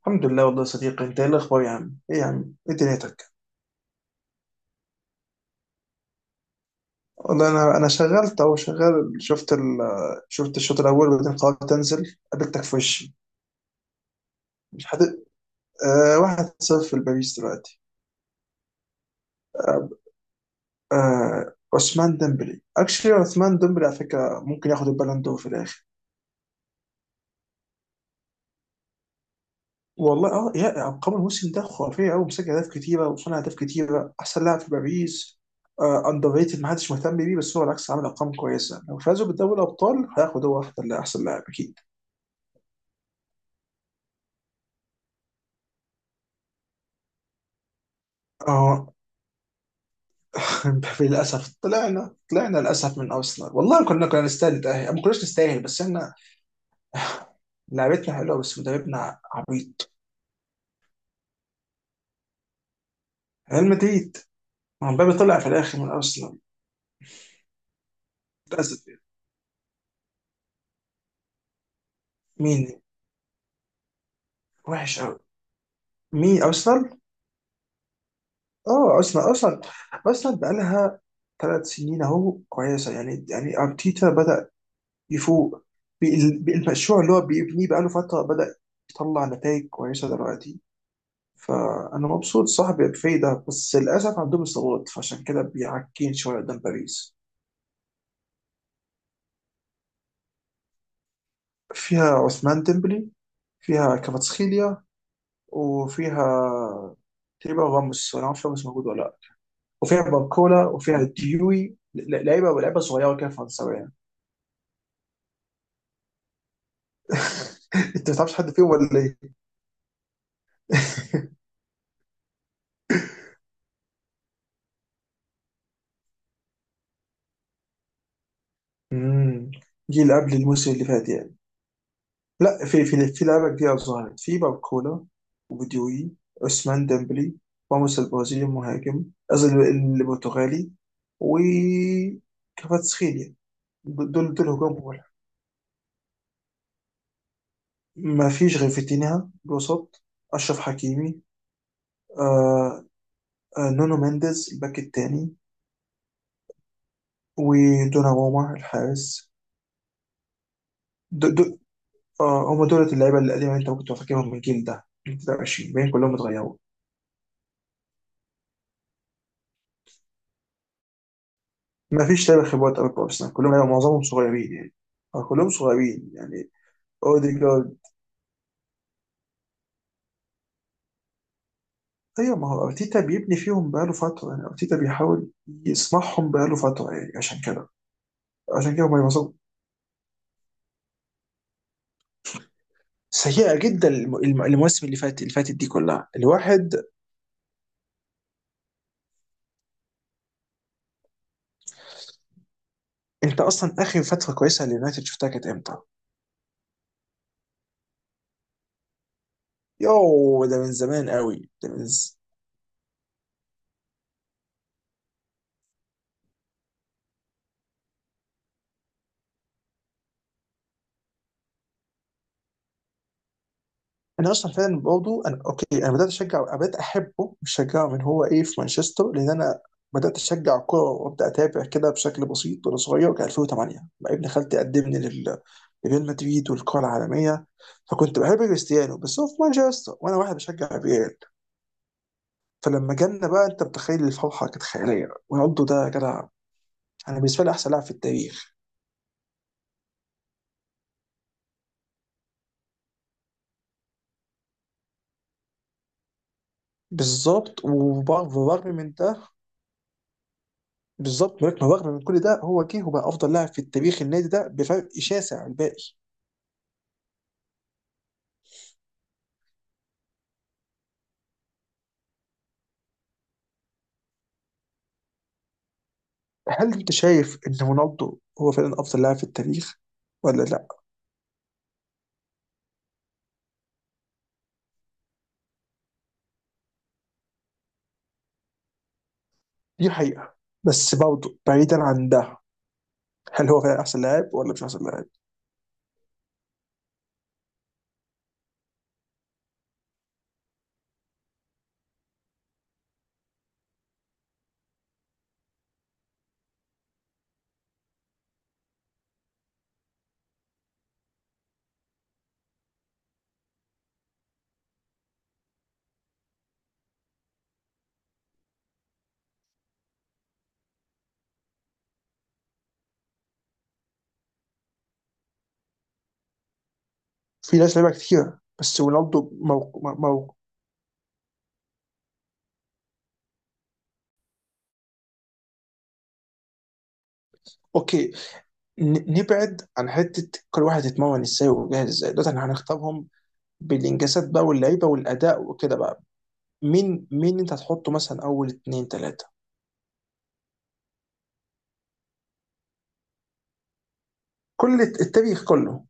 الحمد لله والله يا صديقي، انت ايه الاخبار يا عم؟ ايه يا عم، ايه دنيتك؟ والله انا شغلت اهو شغال. شفت الشوط الاول وبعدين قررت تنزل، قابلتك في وشي. مش حد. آه، 1-0 لباريس دلوقتي. آه آه، عثمان ديمبلي اكشلي. عثمان ديمبلي على فكره ممكن ياخد البالون دور في الاخر. والله اه، يا ارقام الموسم ده خرافيه قوي، مسجل اهداف كتيره وصنع اهداف كتيره، احسن لاعب في باريس. اندر ريتد، ما حدش مهتم بيه بس هو بالعكس عامل ارقام كويسه. لو فازوا بالدوري الابطال، هياخد هو واحد احسن لاعب اكيد. اه. للاسف طلعنا للاسف من ارسنال. والله كنا نستاهل، ما كناش نستاهل، بس احنا لعبتنا حلوه بس مدربنا عبيط. ريال مدريد. ما هو مبابي طلع في الاخر من ارسنال للأسف. مين؟ وحش قوي. مين، ارسنال؟ اه، ارسنال. ارسنال بقى لها 3 سنين اهو كويسه يعني ارتيتا بدا يفوق بالمشروع اللي هو بيبنيه بقى له فتره، بدا يطلع نتائج كويسه دلوقتي. فانا مبسوط صاحبي، كفاية ده. بس للاسف عندهم اصابات فعشان كده بيعكين شويه قدام باريس. فيها عثمان ديمبلي، فيها كفاتسخيليا، وفيها تقريبا راموس، انا ما اعرفش راموس موجود ولا لا. وفيها باركولا وفيها ديوي. لعيبه صغيره كده فرنساويه. انت ما تعرفش حد فيهم ولا ايه؟ امم جيل قبل الموسم اللي فات يعني. لا، في لعيبه كتير ظهرت: في باركولا، وبديوي، عثمان ديمبلي، راموس البرازيلي المهاجم، قصدي البرتغالي، و كفاراتسخيليا. دول هجوم بولا. ما فيش غير فيتينها الوسط، اشرف حكيمي. آه، آه، نونو مينديز الباك التاني. ودوناروما الحارس. دول، آه، هم دول اللعيبه القديمه اللي انت كنت فاكرهم. من الجيل ده 23 باقيين، كلهم اتغيروا. ما فيش لعيبه خبرات قوي في ارسنال، كلهم لعيبه، معظمهم صغيرين يعني، أو كلهم صغيرين يعني. اوديجارد. ايوه، ما هو ارتيتا بيبني فيهم بقاله فتره يعني، ارتيتا بيحاول يصنعهم بقاله فتره يعني، عشان كده هم يوصلوا. سيئه جدا المواسم اللي فاتت، اللي فاتت دي كلها الواحد. انت اصلا اخر فتره كويسه لليونايتد شفتها كانت امتى؟ يوه، ده من زمان قوي، ده من... انا اصلا فعلا برضه، انا اوكي، انا بدات اشجع، أنا بدات احبه، مش اشجعه من هو ايه في مانشستر، لان انا بدات اشجع كوره وابدا اتابع كده بشكل بسيط وانا صغير، كان 2008 لما ابن خالتي قدمني لريال مدريد والكره العالميه. فكنت بحب كريستيانو بس هو في مانشستر، وانا واحد بشجع ريال، فلما جالنا بقى انت متخيل الفرحه كانت خياليه. رونالدو ده يا جدع، انا بالنسبه لي احسن لاعب في التاريخ. بالظبط، وبرغم من ده، بالظبط، ولكن رغم من كل ده هو جه وبقى افضل لاعب في التاريخ، النادي ده، بفرق شاسع عن الباقي. هل انت شايف ان رونالدو هو فعلا افضل لاعب في التاريخ ولا لا؟ دي حقيقه، بس برضه بعيدا عن ده، هل هو فعلا احسن لاعب ولا مش احسن لاعب؟ في ناس لعيبه كتيره بس رونالدو مو... اوكي. نبعد عن حته كل واحد يتمرن ازاي وجاهز ازاي، دلوقتي احنا هنختارهم بالانجازات بقى واللعيبه والاداء وكده بقى. مين انت هتحطه مثلا اول اتنين تلاته؟ كل التاريخ كله.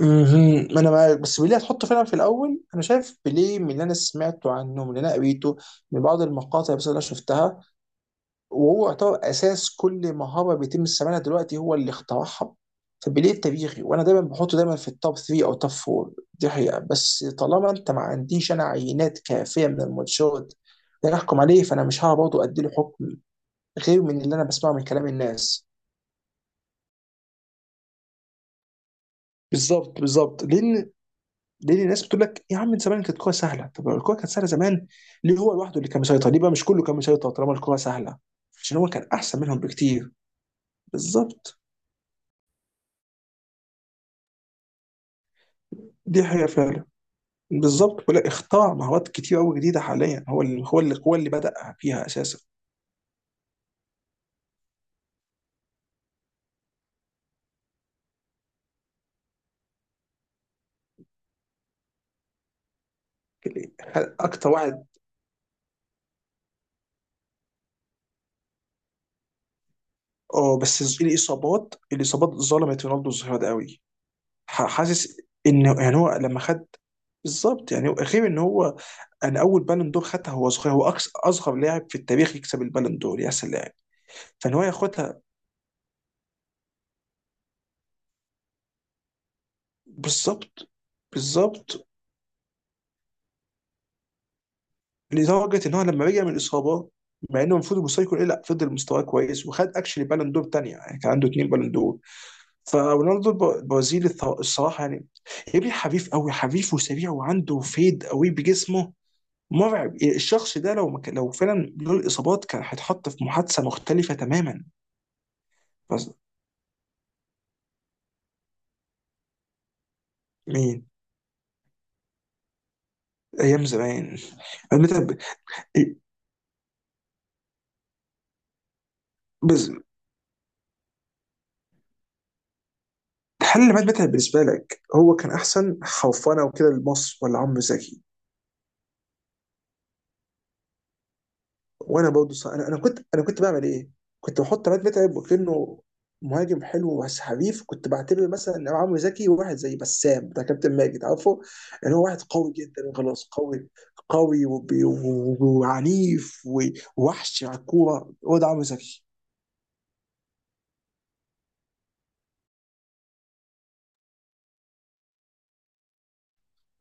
مهم. ما انا معاك، بس بيليه هتحطه فعلا في الاول؟ انا شايف بيليه من اللي انا سمعته عنه، من اللي انا قريته، من بعض المقاطع بس اللي انا شفتها، وهو يعتبر اساس كل مهاره بيتم استعمالها دلوقتي، هو اللي اخترعها. فبيليه تاريخي، وانا دايما بحطه دايما في التوب 3 او توب 4. دي حقيقه، بس طالما انت ما عنديش، انا، عينات كافيه من الماتشات اللي أنا احكم عليه، فانا مش هعرف برضه اديله حكم غير من اللي انا بسمعه من كلام الناس. بالظبط، بالظبط، لان ليه الناس بتقول لك يا عم من زمان كانت الكوره سهله؟ طب لو الكوره كانت سهله زمان، ليه هو لوحده اللي كان مسيطر؟ ليه بقى مش كله كان مسيطر طالما الكوره سهله؟ عشان هو كان احسن منهم بكتير. بالظبط. دي حقيقه فعلا. بالظبط، ولا اختار مهارات كتير قوي جديده حاليا، هو اللي بدا فيها اساسا. اكتر واحد. اه، بس الاصابات، الاصابات ظلمت رونالدو الظهير ده قوي. حاسس انه، يعني هو لما خد، بالظبط، يعني غير ان هو، انا، اول بالون دور خدها هو صغير، هو أكس اصغر لاعب في التاريخ يكسب البالون دور، يا سلام، فان هو ياخدها. بالظبط، بالظبط. لدرجه ان هو لما رجع من الاصابه، مع انه المفروض المستوى يكون ايه، لا، فضل مستواه كويس وخد اكشلي بالون دور تانية، يعني كان عنده 2 بالون دور. فرونالدو البرازيلي، الصراحه يعني، يا ابني حريف قوي، حريف وسريع وعنده فيد قوي بجسمه. مرعب الشخص ده، لو ما كان- لو فعلا له الاصابات كان هيتحط في محادثه مختلفه تماما. بس مين؟ ايام زمان. إيه، بس الحل اللي مات بالنسبه لك، هو كان احسن خوفنا وكده لمصر ولا عمرو زكي؟ وانا برضه صح. انا كنت بعمل ايه؟ كنت بحط عماد متعب وكانه مهاجم حلو بس حريف. كنت بعتبر مثلا ان عمرو زكي واحد زي بسام بتاع كابتن ماجد، عارفه ان هو واحد قوي جدا وخلاص، قوي، قوي وعنيف ووحش على الكوره، هو ده عمرو زكي.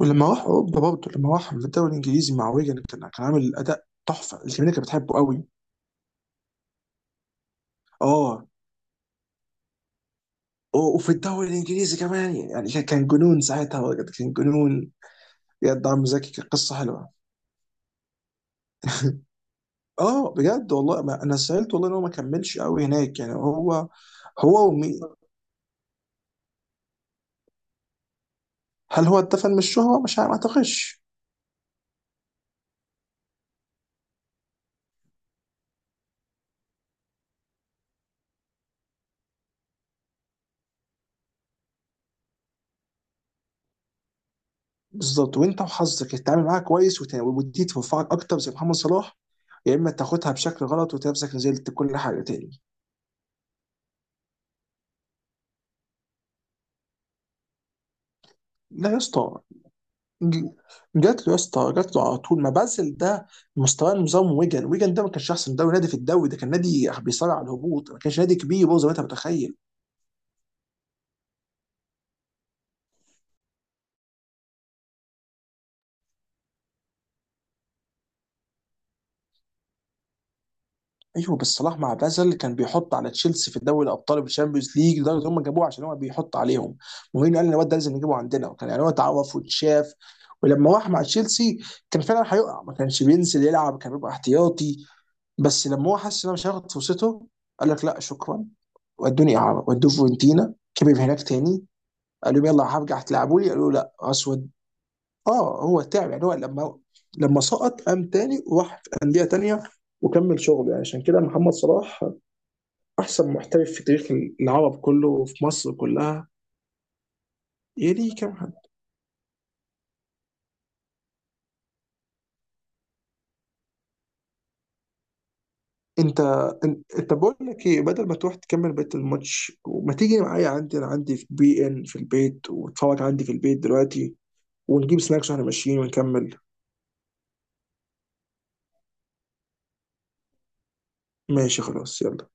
ولما راح اوروبا برضه، لما راح الدوري الانجليزي مع ويجن، كان عامل اداء تحفه، الجماهير كانت بتحبه قوي. اه. وفي الدوري الانجليزي كمان يعني، كان جنون ساعتها بجد، كان جنون بجد. عم زكي كانت قصه حلوه. اه بجد، والله ما انا سالت، والله ان هو ما كملش قوي هناك يعني، هو ومي. هل هو اتفق من الشهره؟ مش عارف، ما اعتقدش. بالظبط، وانت وحظك تتعامل معاها كويس وت- ودي تنفعك اكتر زي محمد صلاح، يا اما تاخدها بشكل غلط وتلاقي نفسك نزلت كل حاجه تاني. لا يا اسطى، ج- جات له يا اسطى، جات له على طول، ما بازل ده، مستواه نظام ويجن، ويجن ده ما كانش احسن دوري، نادي في الدوري ده كان نادي بيصارع على الهبوط، ما كانش نادي كبير برضه زي ما انت متخيل. ايوه، بس صلاح مع بازل كان بيحط على تشيلسي في الدوري الابطال والشامبيونز ليج، لدرجه ان هم جابوه عشان هو بيحط عليهم. مورينيو قال ان الواد ده لازم نجيبه عندنا، وكان يعني هو اتعرف واتشاف. ولما راح مع تشيلسي كان فعلا هيقع، ما كانش بينزل يلعب، كان بيبقى احتياطي، بس لما هو حس ان هو مش هياخد فرصته قال لك لا شكرا، ودوني اعاره ودوه فيورنتينا، كبر هناك تاني، قال لهم يلا هرجع تلعبوا لي، قالوا لا اسود. اه، هو تعب يعني، هو لما سقط قام تاني وراح في انديه تانيه وكمل شغله. يعني عشان كده محمد صلاح احسن محترف في تاريخ العرب كله وفي مصر كلها. يا دي كام حد. انت، انت، بقول لك ايه، بدل ما تروح تكمل بقيه الماتش، وما تيجي معايا؟ عندي، انا عندي في بي ان في البيت، وتتفرج عندي في البيت دلوقتي، ونجيب سناكس واحنا ماشيين ونكمل. ماشي خلاص، يلا.